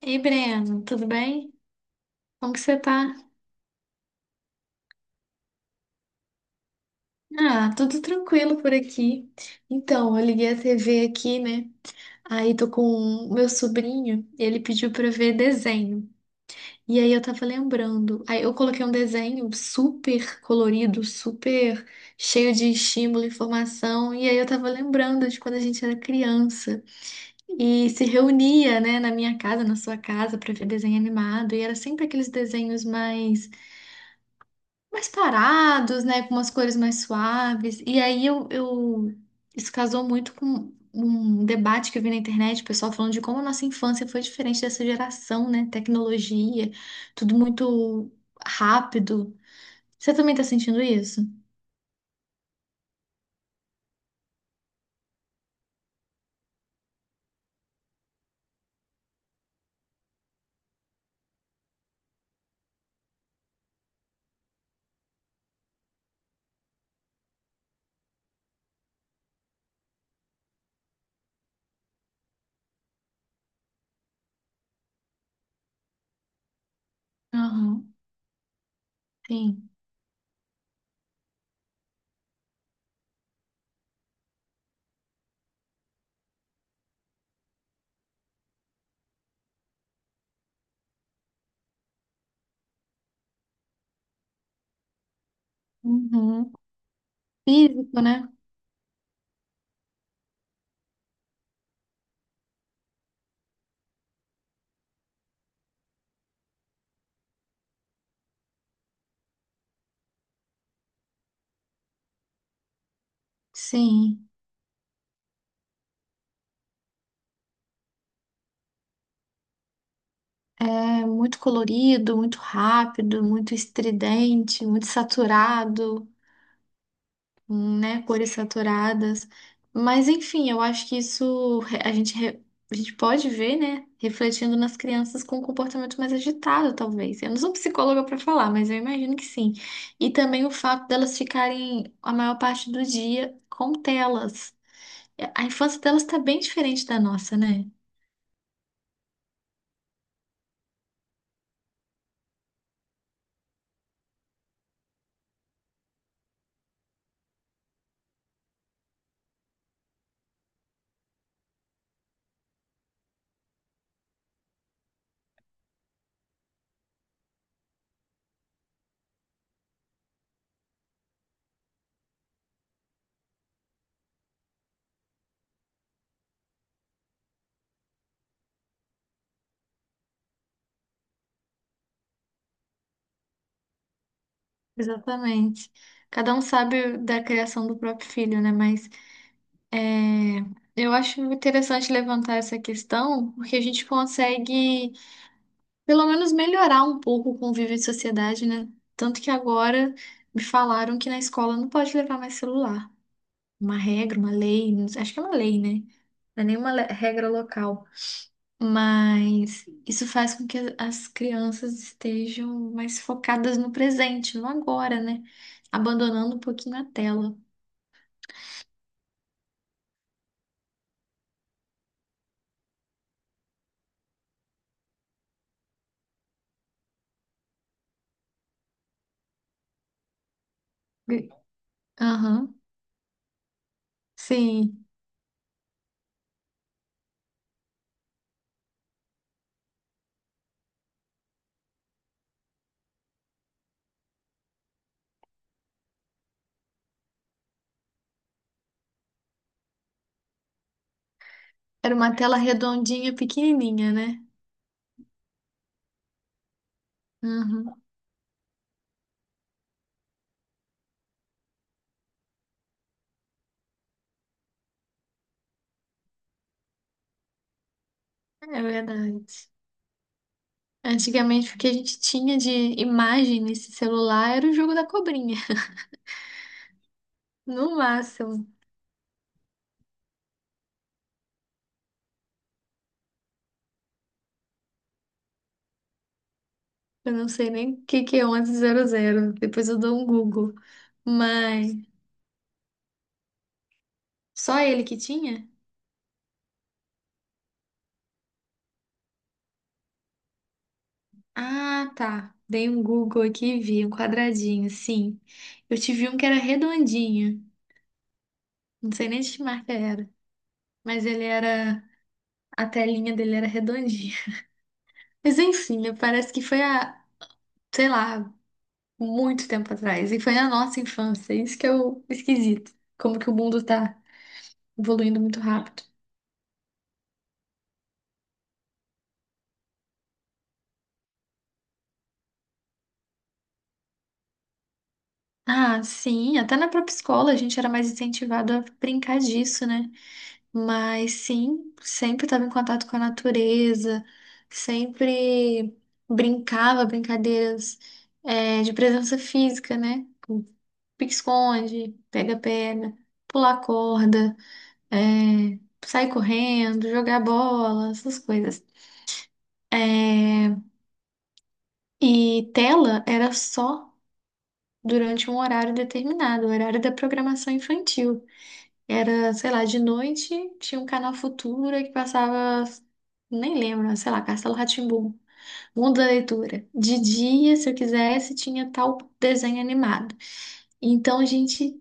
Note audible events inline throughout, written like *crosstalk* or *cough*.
Ei, Breno, tudo bem? Como que você tá? Ah, tudo tranquilo por aqui. Então, eu liguei a TV aqui, né? Aí tô com o meu sobrinho, ele pediu pra eu ver desenho. E aí eu tava lembrando. Aí eu coloquei um desenho super colorido, super cheio de estímulo e informação. E aí eu tava lembrando de quando a gente era criança e se reunia, né, na minha casa, na sua casa, pra ver desenho animado. E era sempre aqueles desenhos mais parados, né? Com umas cores mais suaves. E aí Isso casou muito com um debate que eu vi na internet, o pessoal falando de como a nossa infância foi diferente dessa geração, né? Tecnologia, tudo muito rápido. Você também tá sentindo isso? Aham, sim. Uhum. Físico, né? Sim. É muito colorido, muito rápido, muito estridente, muito saturado. Né, cores saturadas. Mas enfim, eu acho que a gente, a gente pode ver, né, refletindo nas crianças com um comportamento mais agitado, talvez. Eu não sou psicóloga para falar, mas eu imagino que sim. E também o fato delas ficarem a maior parte do dia com telas. É, a infância delas está bem diferente da nossa, né? Exatamente. Cada um sabe da criação do próprio filho, né? Mas é, eu acho interessante levantar essa questão, porque a gente consegue pelo menos melhorar um pouco o convívio em sociedade, né? Tanto que agora me falaram que na escola não pode levar mais celular. Uma regra, uma lei, não sei- acho que é uma lei, né? Não é nenhuma regra local. Mas isso faz com que as crianças estejam mais focadas no presente, no agora, né? Abandonando um pouquinho a tela. E- Aham, sim. Era uma tela redondinha, pequenininha, né? Aham, é verdade. Antigamente, o que a gente tinha de imagem nesse celular era o jogo da cobrinha, *laughs* no máximo. Eu não sei nem o que que é onze zero. Depois eu dou um Google. Mas só ele que tinha? Ah, tá. Dei um Google aqui e vi um quadradinho, sim. Eu tive um que era redondinho, não sei nem de que marca era, mas ele era, a telinha dele era redondinha. *laughs* Mas enfim, né, parece que foi a, sei lá, muito tempo atrás. E foi na nossa infância. Isso que é o esquisito. Como que o mundo tá evoluindo muito rápido. Ah, sim, até na própria escola a gente era mais incentivado a brincar disso, né? Mas sim, sempre estava em contato com a natureza, sempre brincava brincadeiras de presença física, né? Com pique-esconde, pega-pega, pular corda, eh, sair correndo, jogar bola, essas coisas. Eh, E tela era só durante um horário determinado, o horário da programação infantil. Era, sei lá, de noite, tinha um canal Futura que passava, nem lembro, sei lá, Castelo rá tim Mundo da Leitura. De dia, se eu quisesse, tinha tal desenho animado. Então a gente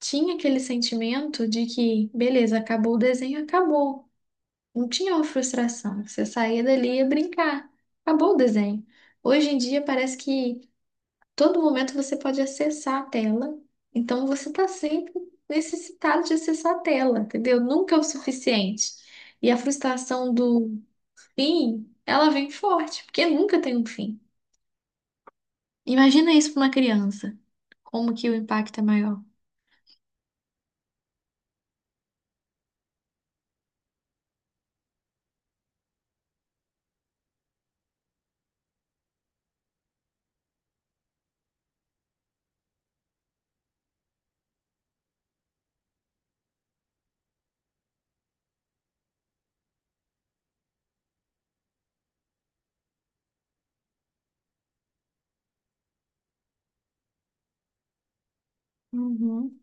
tinha aquele sentimento de que, beleza, acabou o desenho, acabou. Não tinha uma frustração. Você saía dali e ia brincar. Acabou o desenho. Hoje em dia parece que todo momento você pode acessar a tela, então você está sempre necessitado de acessar a tela, entendeu? Nunca é o suficiente. E a frustração do fim, ela vem forte, porque nunca tem um fim. Imagina isso para uma criança, como que o impacto é maior. Uhum.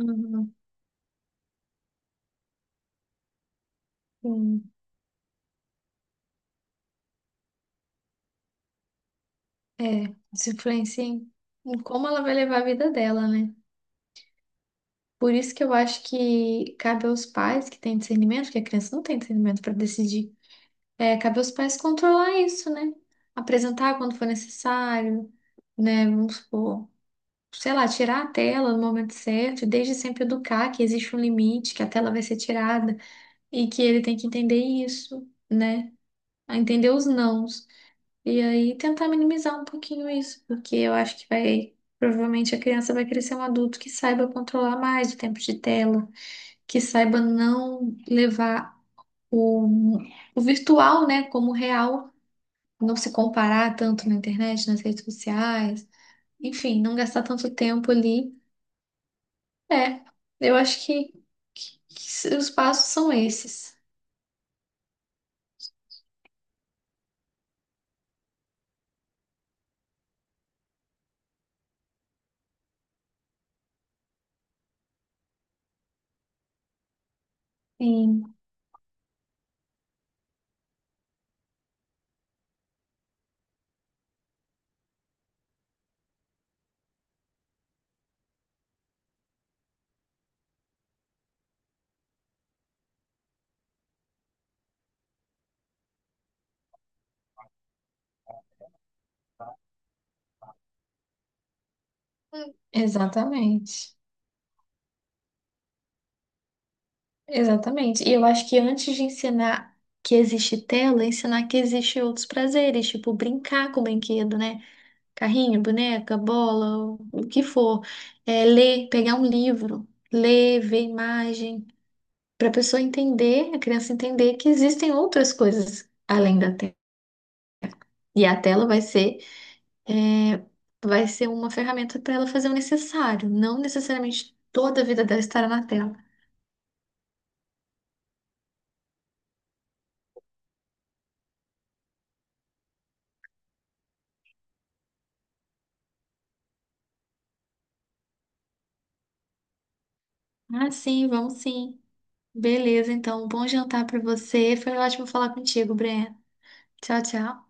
Uhum, sim. É, isso influencia em como ela vai levar a vida dela, né? Por isso que eu acho que cabe aos pais que têm discernimento, porque a criança não tem discernimento para decidir. É, cabe aos pais controlar isso, né? Apresentar quando for necessário, né? Vamos supor, sei lá, tirar a tela no momento certo, e desde sempre educar que existe um limite, que a tela vai ser tirada e que ele tem que entender isso, né? A entender os nãos. E aí tentar minimizar um pouquinho isso, porque eu acho que vai. Provavelmente a criança vai crescer um adulto que saiba controlar mais o tempo de tela, que saiba não levar o, o virtual, né, como real, não se comparar tanto na internet, nas redes sociais, enfim, não gastar tanto tempo ali. É, eu acho que, que os passos são esses. Sim, exatamente. Exatamente. E eu acho que antes de ensinar que existe tela, ensinar que existe outros prazeres, tipo brincar com o brinquedo, né? Carrinho, boneca, bola, o que for. É, ler, pegar um livro, ler, ver imagem, para a pessoa entender, a criança entender que existem outras coisas além da tela. E a tela vai ser, é, vai ser uma ferramenta para ela fazer o necessário, não necessariamente toda a vida dela estará na tela. Ah, sim, vamos sim. Beleza, então, bom jantar para você. Foi ótimo falar contigo, Breno. Tchau, tchau.